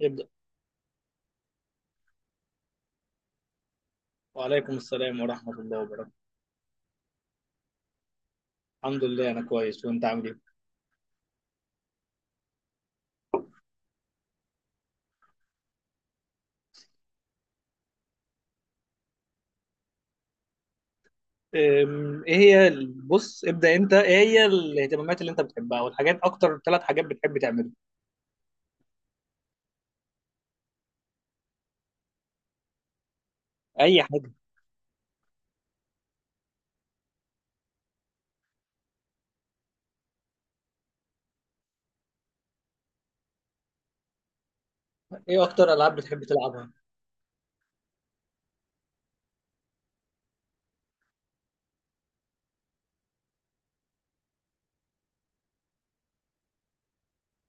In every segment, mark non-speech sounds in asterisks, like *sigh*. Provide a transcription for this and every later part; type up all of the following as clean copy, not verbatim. يبدأ. وعليكم السلام ورحمة الله وبركاته. الحمد لله أنا كويس، وأنت عامل إيه؟ إيه هي بص ابدأ أنت، إيه هي الاهتمامات اللي أنت بتحبها والحاجات؟ أكتر ثلاث حاجات بتحب تعملها. أي حاجة. إيه أكتر ألعاب بتحب تلعبها؟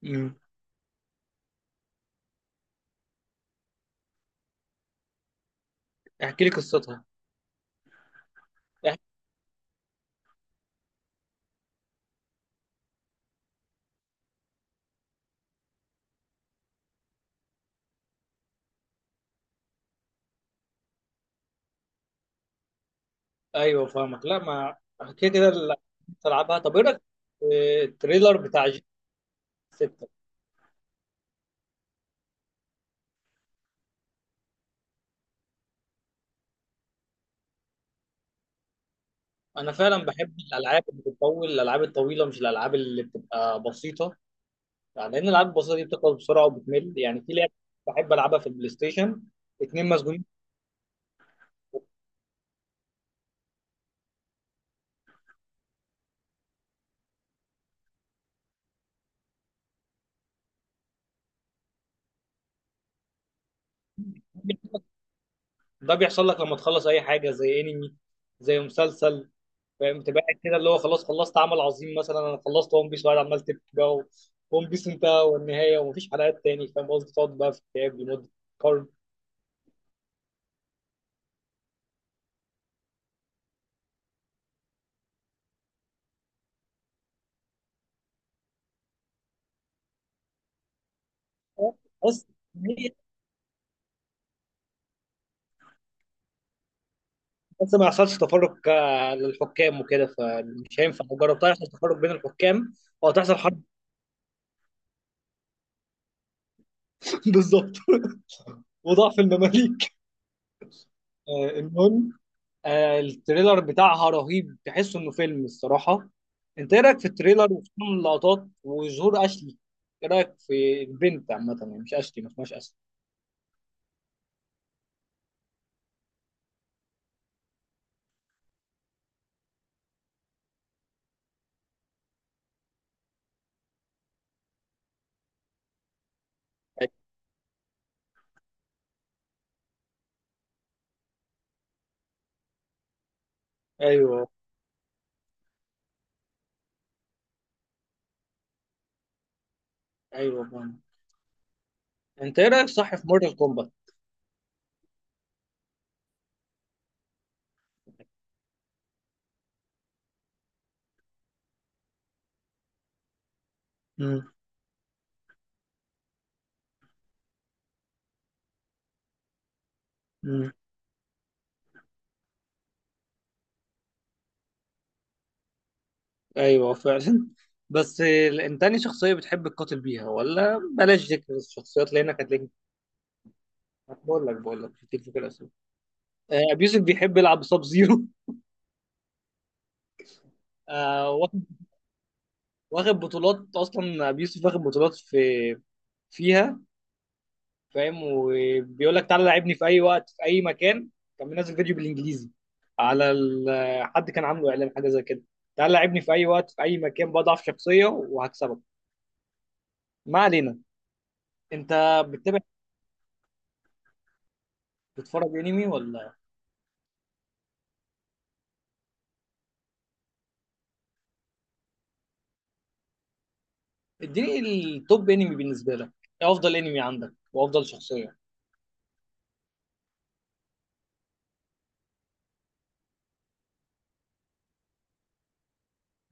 امم. احكي لي قصتها. اح... أيوه فاهمك. لا ما، احكي كده اللي تلعبها. طب إيه رأيك في التريلر بتاع جي 6؟ أنا فعلا بحب الألعاب اللي بتطول، الألعاب الطويلة، مش الألعاب اللي بتبقى بسيطة. يعني لان الالعاب البسيطه دي بتخلص بسرعه وبتمل. يعني في لعبه بحب العبها في البلاي ستيشن اتنين، مسجونين. ده بيحصل لك لما تخلص اي حاجه زي انمي، زي مسلسل، فاهم؟ تبقى قاعد كده اللي هو خلاص خلصت عمل عظيم. مثلا انا خلصت ون بيس وقاعد عمال تبكي بقى، ون بيس انتهى والنهايه ومفيش حلقات تاني. فاهم قصدي؟ تقعد بقى في اكتئاب لمده قرن. بس بس ما يحصلش تفرق للحكام وكده، فمش هينفع لو جربتها يحصل تفرق بين الحكام او تحصل حرب. *laughs* بالظبط. وضعف المماليك. المهم، التريلر بتاعها رهيب، تحس انه فيلم الصراحه. انت ايه رايك في التريلر، وخصوصا اللقطات وظهور اشلي؟ ايه رايك في البنت عامه؟ يعني مش اشلي، ما اسمهاش اشلي. ايوه. ايوه بان. انت ايه رايك صح في مورتال كومبات؟ امم. امم. ايوه فعلا. *laughs* بس انت انهي شخصيه بتحب تقاتل بيها؟ ولا بلاش ذكر الشخصيات لانك هتلاقي. بقول لك كتير في كده اسئله. ابيوسف بيحب يلعب بساب زيرو. *laughs* واخد بطولات اصلا ابي يوسف، واخد بطولات في فيها. فاهم؟ وبيقول لك تعالى لعبني في اي وقت في اي مكان. كان منزل فيديو بالانجليزي على حد كان عامله اعلان حاجه زي كده، تعالى لعبني في اي وقت في اي مكان بضعف شخصيه وهكسبك. ما علينا. انت بتتابع، بتتفرج انمي ولا؟ اديني التوب انمي بالنسبه لك. ايه افضل انمي عندك؟ وافضل شخصيه؟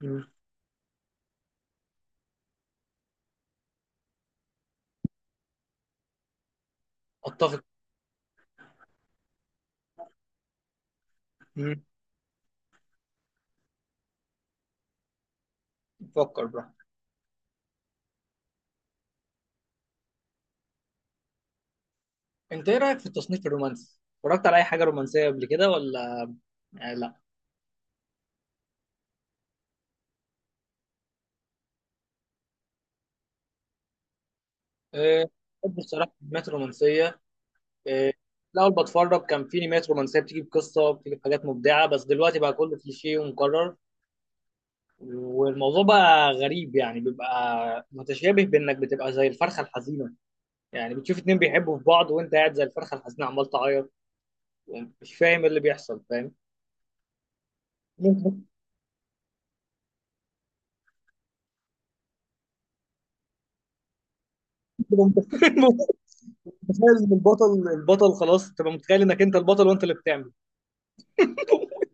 مم. اتفق. مم. فكر براحتك. انت ايه رايك في التصنيف الرومانسي؟ اتفرجت على اي حاجه رومانسيه قبل كده ولا؟ يعني لا. أه، بحب بصراحة الأنميات الرومانسية. أه، الأول بتفرج كان في أنميات رومانسية بتيجي بقصة، بتيجي بحاجات مبدعة. بس دلوقتي بقى كله كليشيه ومكرر، والموضوع بقى غريب. يعني بيبقى متشابه بإنك بتبقى زي الفرخة الحزينة. يعني بتشوف اتنين بيحبوا في بعض، وأنت قاعد زي الفرخة الحزينة عمال تعيط، ومش فاهم إيه اللي بيحصل، فاهم؟ *laughs* متخيل إن البطل، البطل خلاص تبقى متخيل إنك أنت البطل وأنت اللي بتعمل. *laughs*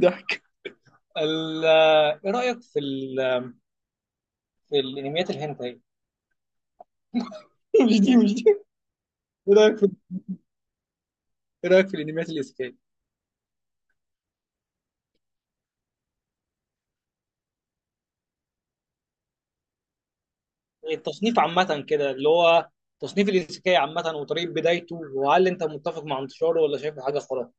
ضحك. إيه رأيك في ال الانميات الهنتاي؟ *laughs* مش دي مش دي. ايه رايك في، ايه رايك في الانميات الايسيكاي؟ التصنيف عامه كده اللي هو، تصنيف الايسيكاي عامه وطريقه بدايته، وهل انت متفق مع انتشاره ولا شايفه حاجه خرافه؟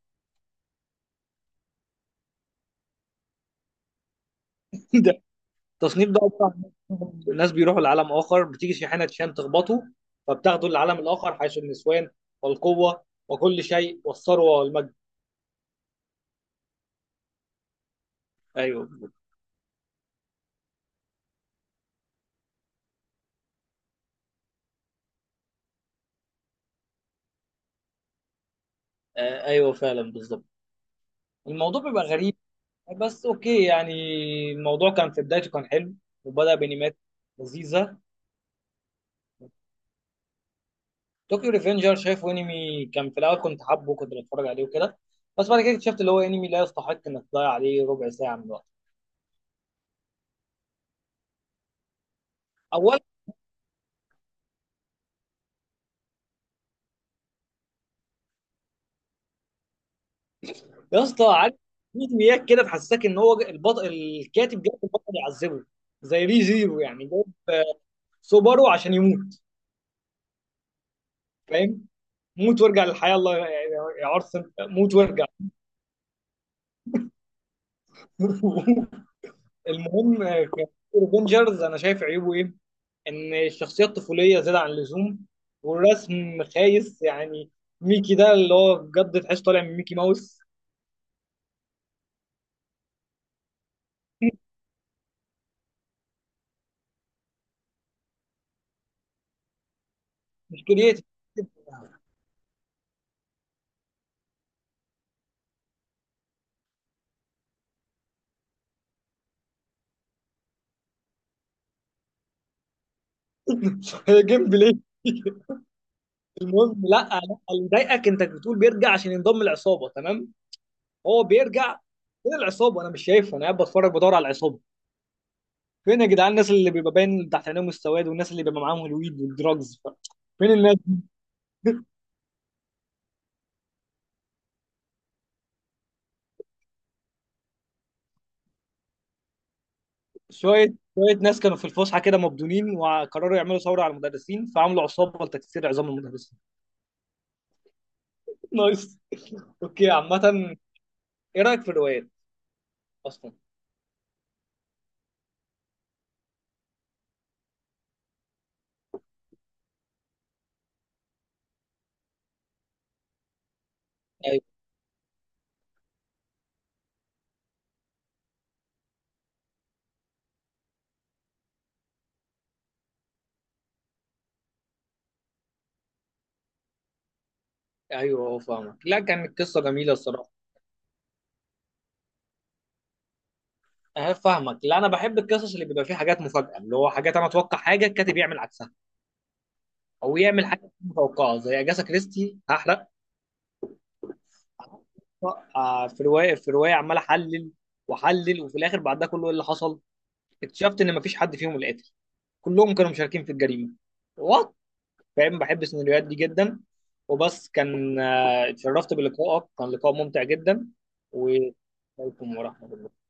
*laughs* ده التصنيف ده عبارة عن الناس بيروحوا لعالم اخر. بتيجي شاحنه شان تخبطه، فبتاخده للعالم الاخر، حيث النسوان والقوه وكل شيء والثروه والمجد. ايوه. آه ايوه فعلا بالظبط، الموضوع بيبقى غريب. بس اوكي يعني، الموضوع كان في بدايته كان حلو، وبدا بانيمات لذيذه. طوكيو ريفنجر شايفه انمي كان في الاول كنت حابه كنت بتفرج عليه وكده، بس بعد كده اكتشفت اللي هو انمي لا يستحق انك تضيع عليه ربع ساعه من وقتك. اولا، يا اسطى عارف، في انميات كده تحسسك ان هو البطل الكاتب جايب البطل يعذبه. زي ري زيرو، يعني جايب سوبارو عشان يموت. فاهم؟ موت وارجع للحياه، الله يا يا عرس، موت وارجع. *laughs* المهم، افنجرز انا شايف عيوبه ايه. ان الشخصيه الطفوليه زياده عن اللزوم، والرسم خايس يعني. ميكي ده اللي هو بجد تحس طالع من ميكي ماوس. مش كرييتيف. *laughs* هي جيم بلاي. المهم، لا لا، اللي ضايقك انت بتقول بيرجع عشان ينضم العصابه، تمام. هو بيرجع فين العصابه؟ انا مش شايفها، انا قاعد بتفرج بدور على العصابه. فين يا جدعان الناس اللي بيبقى باين تحت عينيهم السواد، والناس اللي بيبقى معاهم الويد والدراجز؟ فين الناس؟ شويه شويه ناس كانوا في الفسحه كده مبدونين، وقرروا يعملوا ثوره على المدرسين، فعملوا عصابه لتكسير عظام المدرسين. *laughs* نايس. اوكي عامه، ايه رايك في الروايات اصلا؟ ايوه. ايوه هو فاهمك، لا كانت قصه جميله الصراحه. انا فاهمك، لا انا بحب القصص اللي بيبقى فيها حاجات مفاجاه، اللي هو حاجات انا اتوقع حاجه الكاتب يعمل عكسها، او يعمل حاجه مش متوقعه. زي اجاسا كريستي، هحرق، في روايه، في روايه عمال احلل واحلل، وفي الاخر بعد ده كله ايه اللي حصل؟ اكتشفت ان مفيش حد فيهم القاتل، كلهم كانوا مشاركين في الجريمه. وات، فاهم؟ بحب السيناريوهات دي جدا. وبس، كان اتشرفت بلقائك، كان لقاء ممتع جدا. و عليكم ورحمه الله.